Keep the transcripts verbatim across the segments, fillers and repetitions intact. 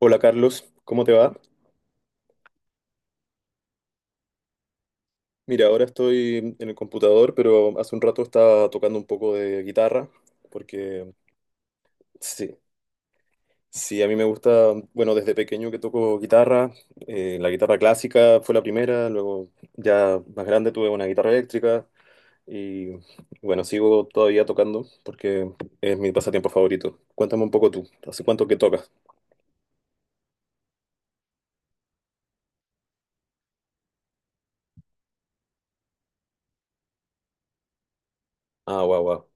Hola Carlos, ¿cómo te va? Mira, ahora estoy en el computador, pero hace un rato estaba tocando un poco de guitarra, porque sí, sí, a mí me gusta, bueno, desde pequeño que toco guitarra. Eh, la guitarra clásica fue la primera, luego ya más grande tuve una guitarra eléctrica y bueno, sigo todavía tocando porque es mi pasatiempo favorito. Cuéntame un poco tú, ¿hace cuánto que tocas? Ah, guau, guau,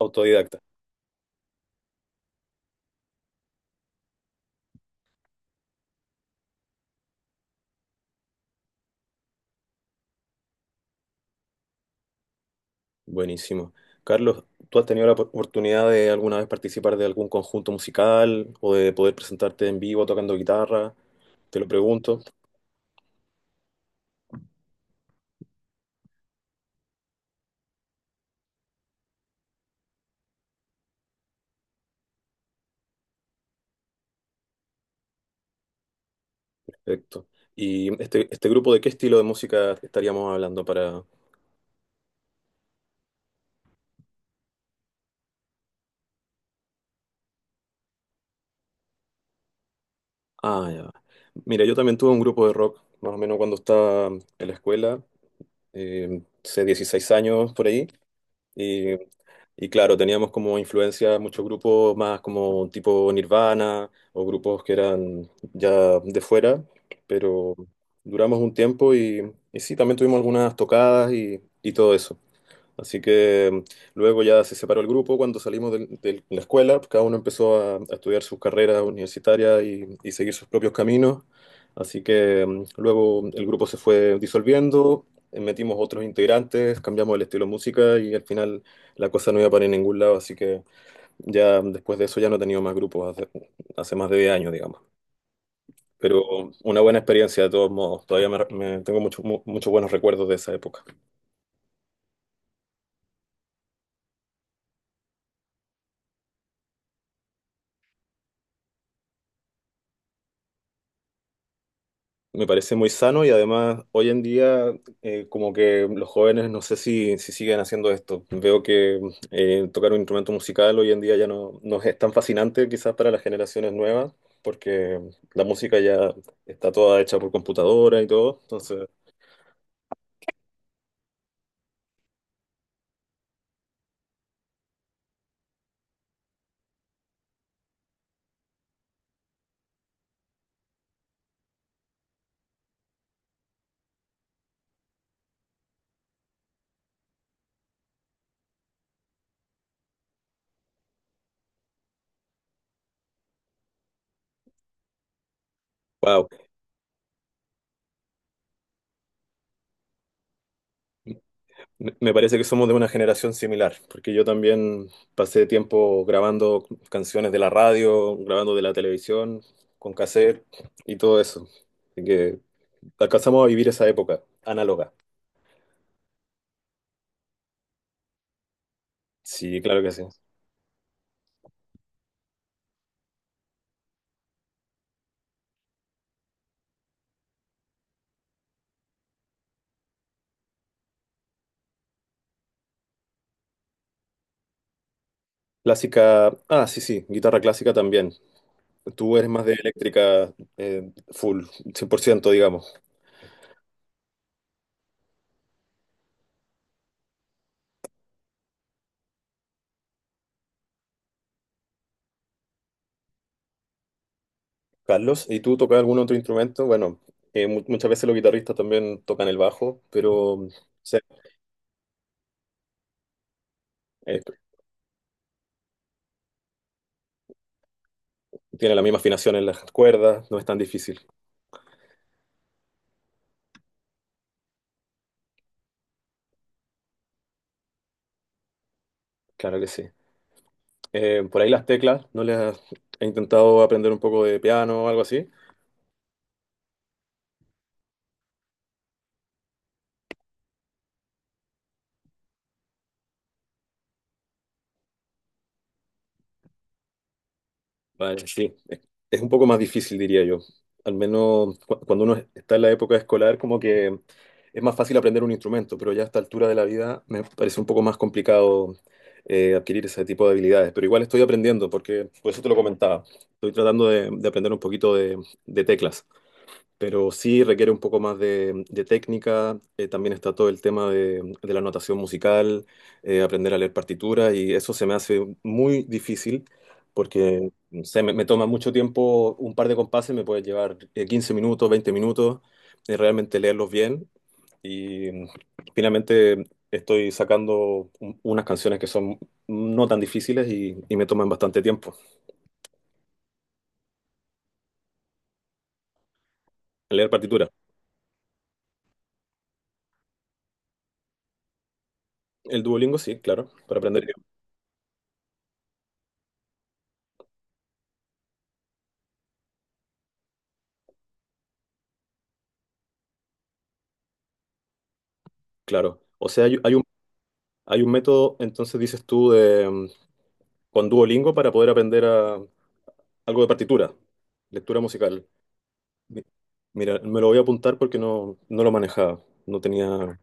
autodidacta. Buenísimo. Carlos, ¿tú has tenido la op- oportunidad de alguna vez participar de algún conjunto musical o de poder presentarte en vivo tocando guitarra? Te lo pregunto. Perfecto. ¿Y este, este grupo de qué estilo de música estaríamos hablando para...? Ah, ya. Mira, yo también tuve un grupo de rock, más o menos cuando estaba en la escuela, eh, hace dieciséis años por ahí. Y, y claro, teníamos como influencia muchos grupos más como tipo Nirvana o grupos que eran ya de fuera, pero duramos un tiempo y, y sí, también tuvimos algunas tocadas y, y todo eso. Así que mm, luego ya se separó el grupo cuando salimos del- de, la escuela, pues, cada uno empezó a, a estudiar sus carreras universitarias y, y seguir sus propios caminos. Así que mm, luego el grupo se fue disolviendo. Eh, metimos otros integrantes, cambiamos el estilo de música y al final la cosa no iba para ningún lado. Así que ya mm, después de eso ya no he tenido más grupos hace, hace más de diez años, digamos. Pero una buena experiencia de todos modos. Todavía me, me- tengo muchos mu- muchos buenos recuerdos de esa época. Me parece muy sano y además hoy en día eh, como que los jóvenes no sé si, si siguen haciendo esto. Veo que eh, tocar un instrumento musical hoy en día ya no, no es tan fascinante quizás para las generaciones nuevas porque la música ya está toda hecha por computadora y todo. Entonces, wow, me me parece que somos de una generación similar porque yo también pasé tiempo grabando canciones de la radio, grabando de la televisión, con cassette y todo eso. Así que... Alcanzamos a vivir esa época, análoga. Sí, claro que sí. Clásica, ah, sí, sí, guitarra clásica también. Tú eres más de eléctrica eh, full, cien por ciento digamos. Carlos, ¿y tú tocas algún otro instrumento? Bueno, eh, mu- muchas veces los guitarristas también tocan el bajo, pero o sea, eh, tiene la misma afinación en las cuerdas, no es tan difícil. Claro que sí. Eh, por ahí las teclas, ¿no les has- he intentado aprender un poco de piano o algo así? Vale, sí. Es es un poco más difícil, diría yo. Al menos cu- cuando uno está en la época escolar, como que es más fácil aprender un instrumento, pero ya a esta altura de la vida me parece un poco más complicado eh, adquirir ese tipo de habilidades. Pero igual estoy aprendiendo, porque por eso te lo comentaba. Estoy tratando de, de aprender un poquito de, de teclas, pero sí requiere un poco más de, de técnica. Eh, también está todo el tema de, de la notación musical, eh, aprender a leer partituras y eso se me hace muy difícil porque no sé, me, me toma mucho tiempo, un par de compases me puede llevar eh, quince minutos, veinte minutos, eh, realmente leerlos bien. Y mm, finalmente estoy sacando un- unas canciones que son no tan difíciles y, y me toman bastante tiempo. Leer partitura. El Duolingo, sí, claro, para aprender, idiomas, claro. O sea, hay, hay un. Hay un método, entonces dices tú, de, mm, con Duolingo para poder aprender a- algo de partitura, lectura musical. Mi- Mira, me lo voy a apuntar porque no, no lo manejaba, no tenía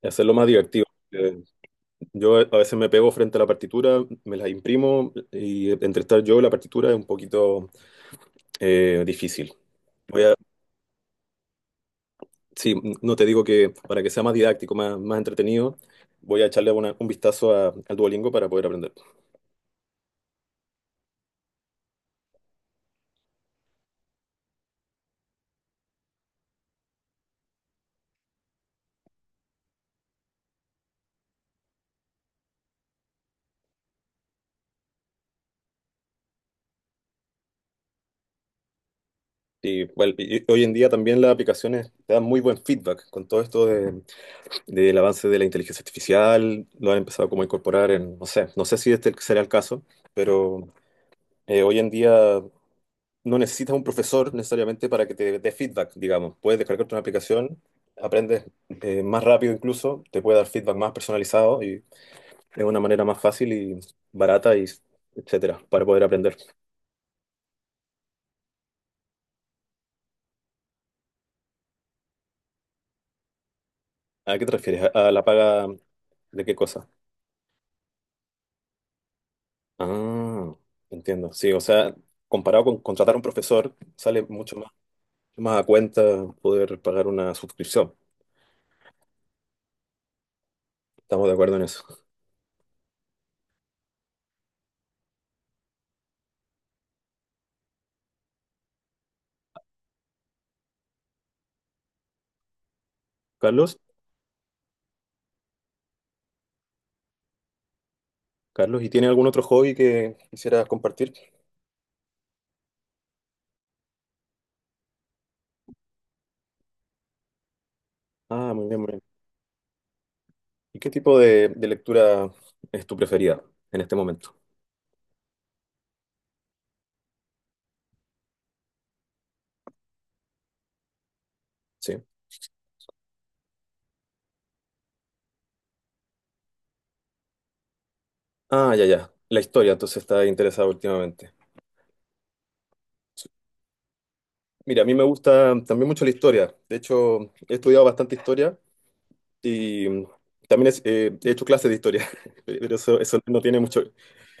que hacerlo más divertido. Eh, Yo a veces me pego frente a la partitura, me la imprimo y entre estar yo y la partitura es un poquito eh, difícil. Voy a, sí, no te digo que para que sea más didáctico, más, más entretenido, voy a echarle una- un vistazo a- al Duolingo para poder aprender. Y, bueno, y hoy en día también las aplicaciones te dan muy buen feedback con todo esto de- del avance de la inteligencia artificial, lo han empezado como a incorporar en, no sé, no sé si este será el caso, pero eh, hoy en día no necesitas un profesor necesariamente para que te dé feedback, digamos. Puedes descargarte una aplicación, aprendes eh, más rápido incluso, te puede dar feedback más personalizado y es una manera más fácil y barata y etcétera para poder aprender. ¿A qué te refieres? ¿A a la paga de qué cosa? Ah, entiendo. Sí, o sea, comparado con contratar a un profesor, sale mucho más, más a cuenta poder pagar una suscripción. Estamos de acuerdo en eso. Carlos, Carlos, ¿y tiene algún otro hobby que quisieras compartir? Ah, muy bien, muy bien. ¿Y qué tipo de, de lectura es tu preferida en este momento? Sí. Ah, ya, ya. La historia, entonces está interesado últimamente. Mira, a mí me gusta también mucho la historia. De hecho, he estudiado bastante historia y mm, también es- eh, he hecho clases de historia, pero eso, eso no tiene mucho.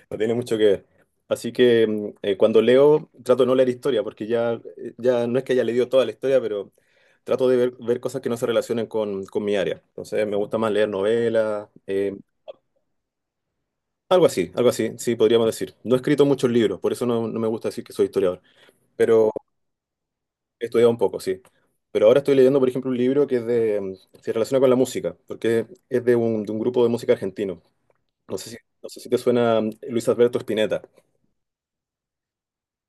No tiene mucho que ver. Así que mm, eh, cuando leo, trato de no leer historia, porque ya, eh, ya no es que haya leído toda la historia, pero trato de ver, ver cosas que no se relacionen con, con mi área. Entonces me gusta más leer novelas, eh, algo así, algo así, sí, podríamos decir. No he escrito muchos libros, por eso no, no me gusta decir que soy historiador, pero he estudiado un poco, sí. Pero ahora estoy leyendo, por ejemplo, un libro que es de, mm, se relaciona con la música, porque es de un, de un grupo de música argentino. No sé si, no sé si te suena mm, Luis Alberto Spinetta.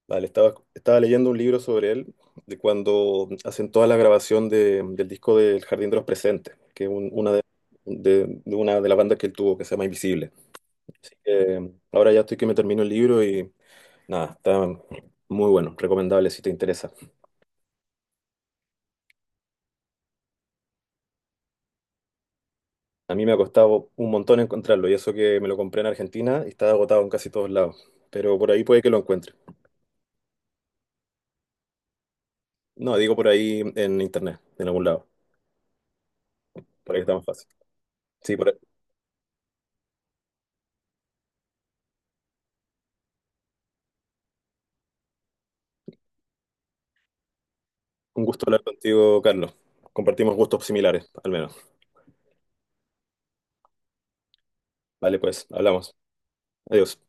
Vale, estaba, estaba leyendo un libro sobre él, de cuando hacen toda la grabación de- del disco del Jardín de los Presentes, que es un- una de, de- de una de las bandas que él tuvo, que se llama Invisible. Eh, ahora ya estoy que me termino el libro y nada, está muy bueno, recomendable si te interesa. A mí me ha costado un montón encontrarlo, y eso que me lo compré en Argentina y está agotado en casi todos lados, pero por ahí puede que lo encuentre. No, digo por ahí en internet, en algún lado, por ahí está más fácil. Sí, por. Un gusto hablar contigo, Carlos. Compartimos gustos similares, al menos. Vale, pues, hablamos. Adiós.